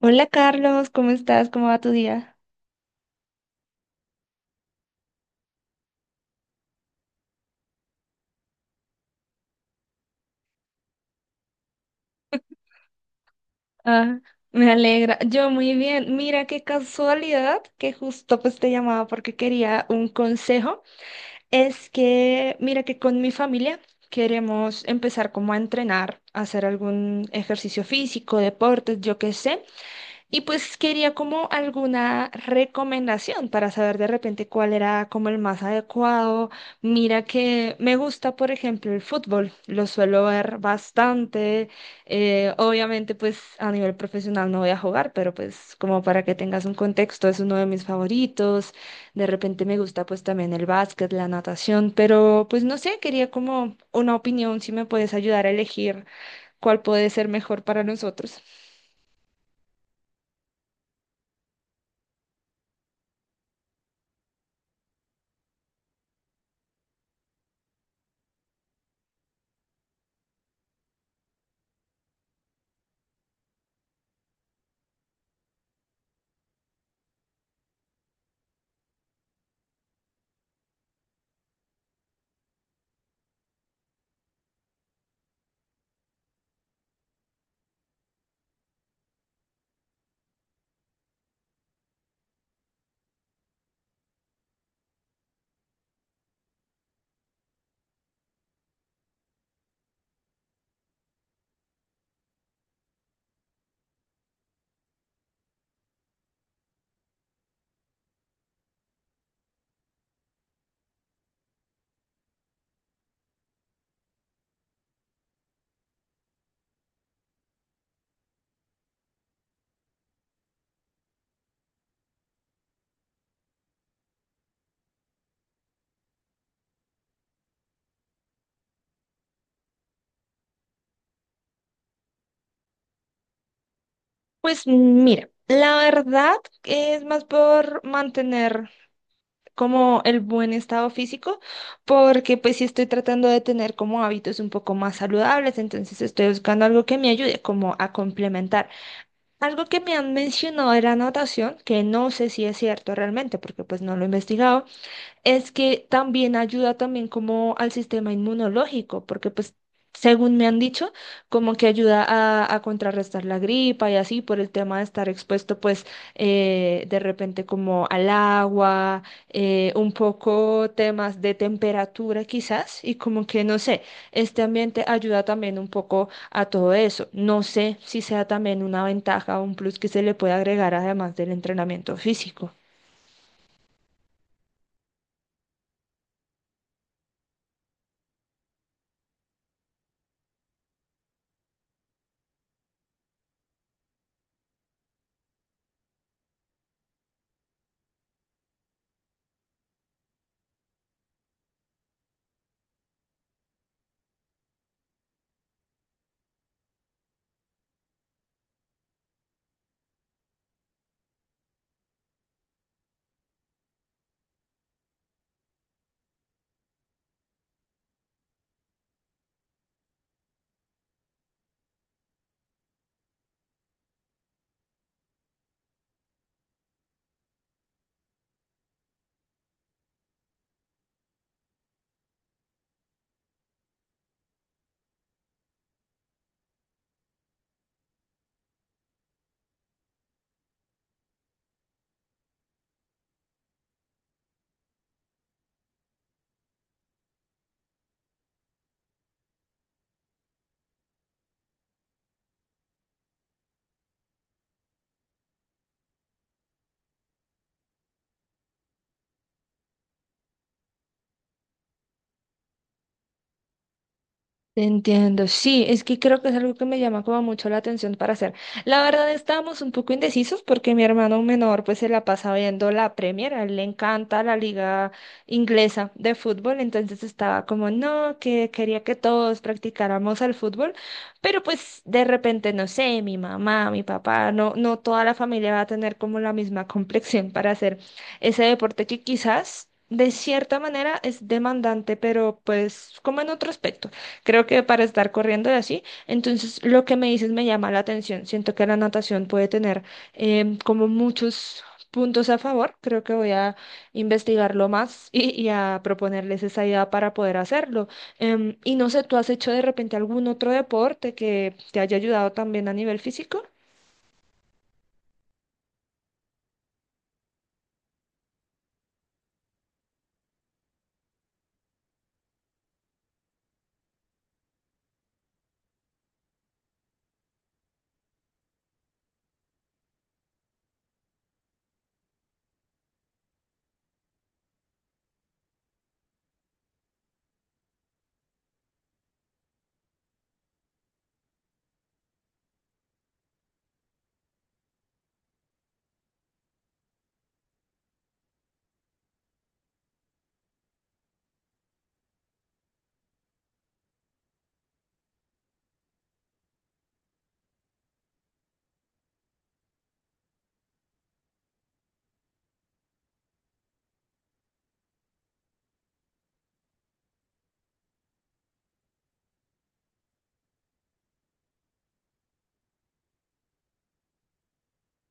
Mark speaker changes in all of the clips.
Speaker 1: Hola Carlos, ¿cómo estás? ¿Cómo va tu día? Ah, Me alegra. Yo muy bien. Mira qué casualidad que justo pues te llamaba porque quería un consejo. Es que mira que con mi familia queremos empezar como a entrenar, a hacer algún ejercicio físico, deportes, yo qué sé. Y pues quería como alguna recomendación para saber de repente cuál era como el más adecuado. Mira que me gusta, por ejemplo, el fútbol. Lo suelo ver bastante. Obviamente, pues a nivel profesional no voy a jugar, pero pues como para que tengas un contexto, es uno de mis favoritos. De repente me gusta pues también el básquet, la natación, pero pues no sé, quería como una opinión si me puedes ayudar a elegir cuál puede ser mejor para nosotros. Pues mira, la verdad es más por mantener como el buen estado físico, porque pues sí estoy tratando de tener como hábitos un poco más saludables, entonces estoy buscando algo que me ayude como a complementar. Algo que me han mencionado de la natación, que no sé si es cierto realmente, porque pues no lo he investigado, es que también ayuda también como al sistema inmunológico, porque pues según me han dicho, como que ayuda a contrarrestar la gripa y así por el tema de estar expuesto pues de repente como al agua, un poco temas de temperatura quizás y como que no sé, este ambiente ayuda también un poco a todo eso. No sé si sea también una ventaja o un plus que se le puede agregar además del entrenamiento físico. Te entiendo, sí, es que creo que es algo que me llama como mucho la atención para hacer. La verdad estábamos un poco indecisos porque mi hermano menor pues se la pasa viendo la Premier, a él le encanta la liga inglesa de fútbol, entonces estaba como no, que quería que todos practicáramos el fútbol, pero pues de repente no sé, mi mamá, mi papá, no, no toda la familia va a tener como la misma complexión para hacer ese deporte que quizás de cierta manera es demandante, pero pues como en otro aspecto creo que para estar corriendo y así. Entonces, lo que me dices me llama la atención. Siento que la natación puede tener como muchos puntos a favor. Creo que voy a investigarlo más y a proponerles esa idea para poder hacerlo. Y no sé, ¿tú has hecho de repente algún otro deporte que te haya ayudado también a nivel físico?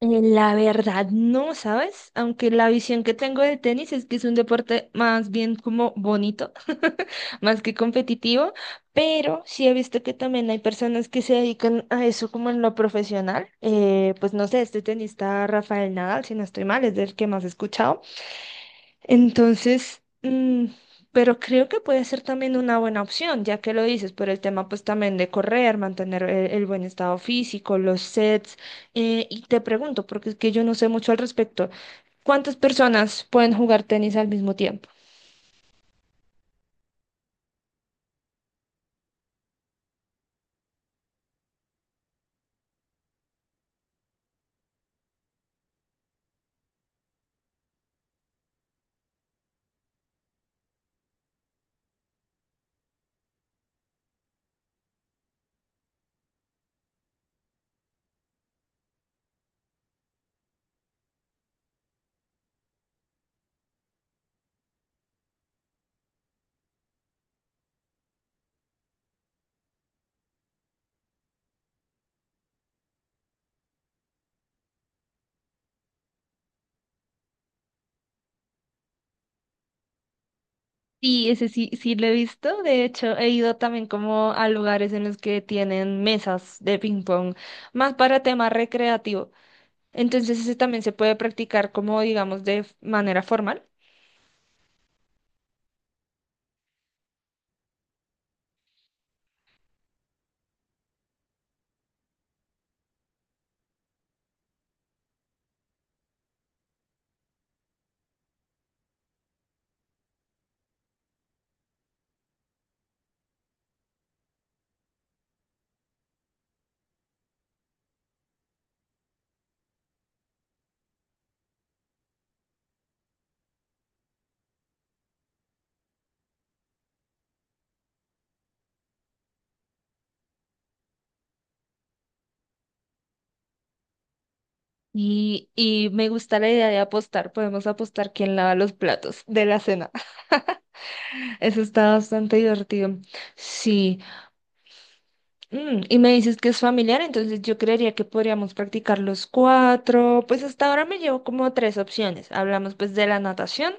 Speaker 1: La verdad no, ¿sabes? Aunque la visión que tengo de tenis es que es un deporte más bien como bonito, más que competitivo, pero sí he visto que también hay personas que se dedican a eso como en lo profesional. Pues no sé, este tenista Rafael Nadal, si no estoy mal, es del que más he escuchado. Entonces, pero creo que puede ser también una buena opción, ya que lo dices, por el tema pues también de correr, mantener el buen estado físico, los sets. Y te pregunto, porque es que yo no sé mucho al respecto, ¿cuántas personas pueden jugar tenis al mismo tiempo? Sí, ese sí, sí lo he visto. De hecho, he ido también como a lugares en los que tienen mesas de ping pong, más para tema recreativo. Entonces, ese también se puede practicar como, digamos, de manera formal. Y me gusta la idea de apostar. Podemos apostar quién lava los platos de la cena. Eso está bastante divertido. Sí. Mm, y me dices que es familiar, entonces yo creería que podríamos practicar los cuatro. Pues hasta ahora me llevo como tres opciones. Hablamos pues de la natación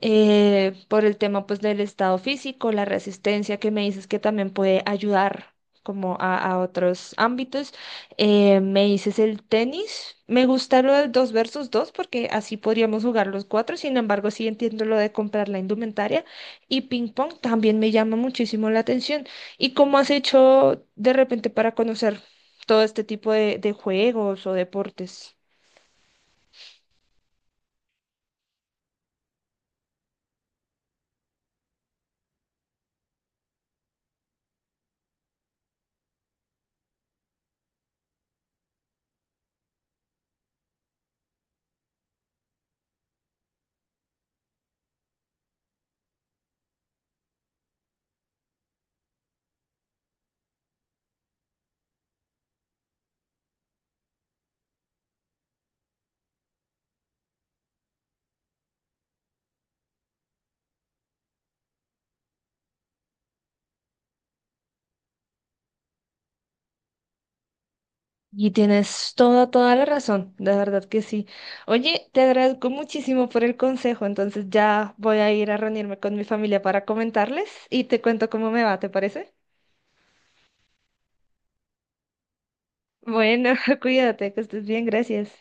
Speaker 1: por el tema pues del estado físico, la resistencia que me dices que también puede ayudar como a otros ámbitos. Me dices el tenis, me gusta lo del dos versus dos porque así podríamos jugar los cuatro, sin embargo sí entiendo lo de comprar la indumentaria y ping pong también me llama muchísimo la atención. ¿Y cómo has hecho de repente para conocer todo este tipo de juegos o deportes? Y tienes toda, toda la razón, de verdad que sí. Oye, te agradezco muchísimo por el consejo, entonces ya voy a ir a reunirme con mi familia para comentarles y te cuento cómo me va, ¿te parece? Bueno, cuídate, que estés bien, gracias.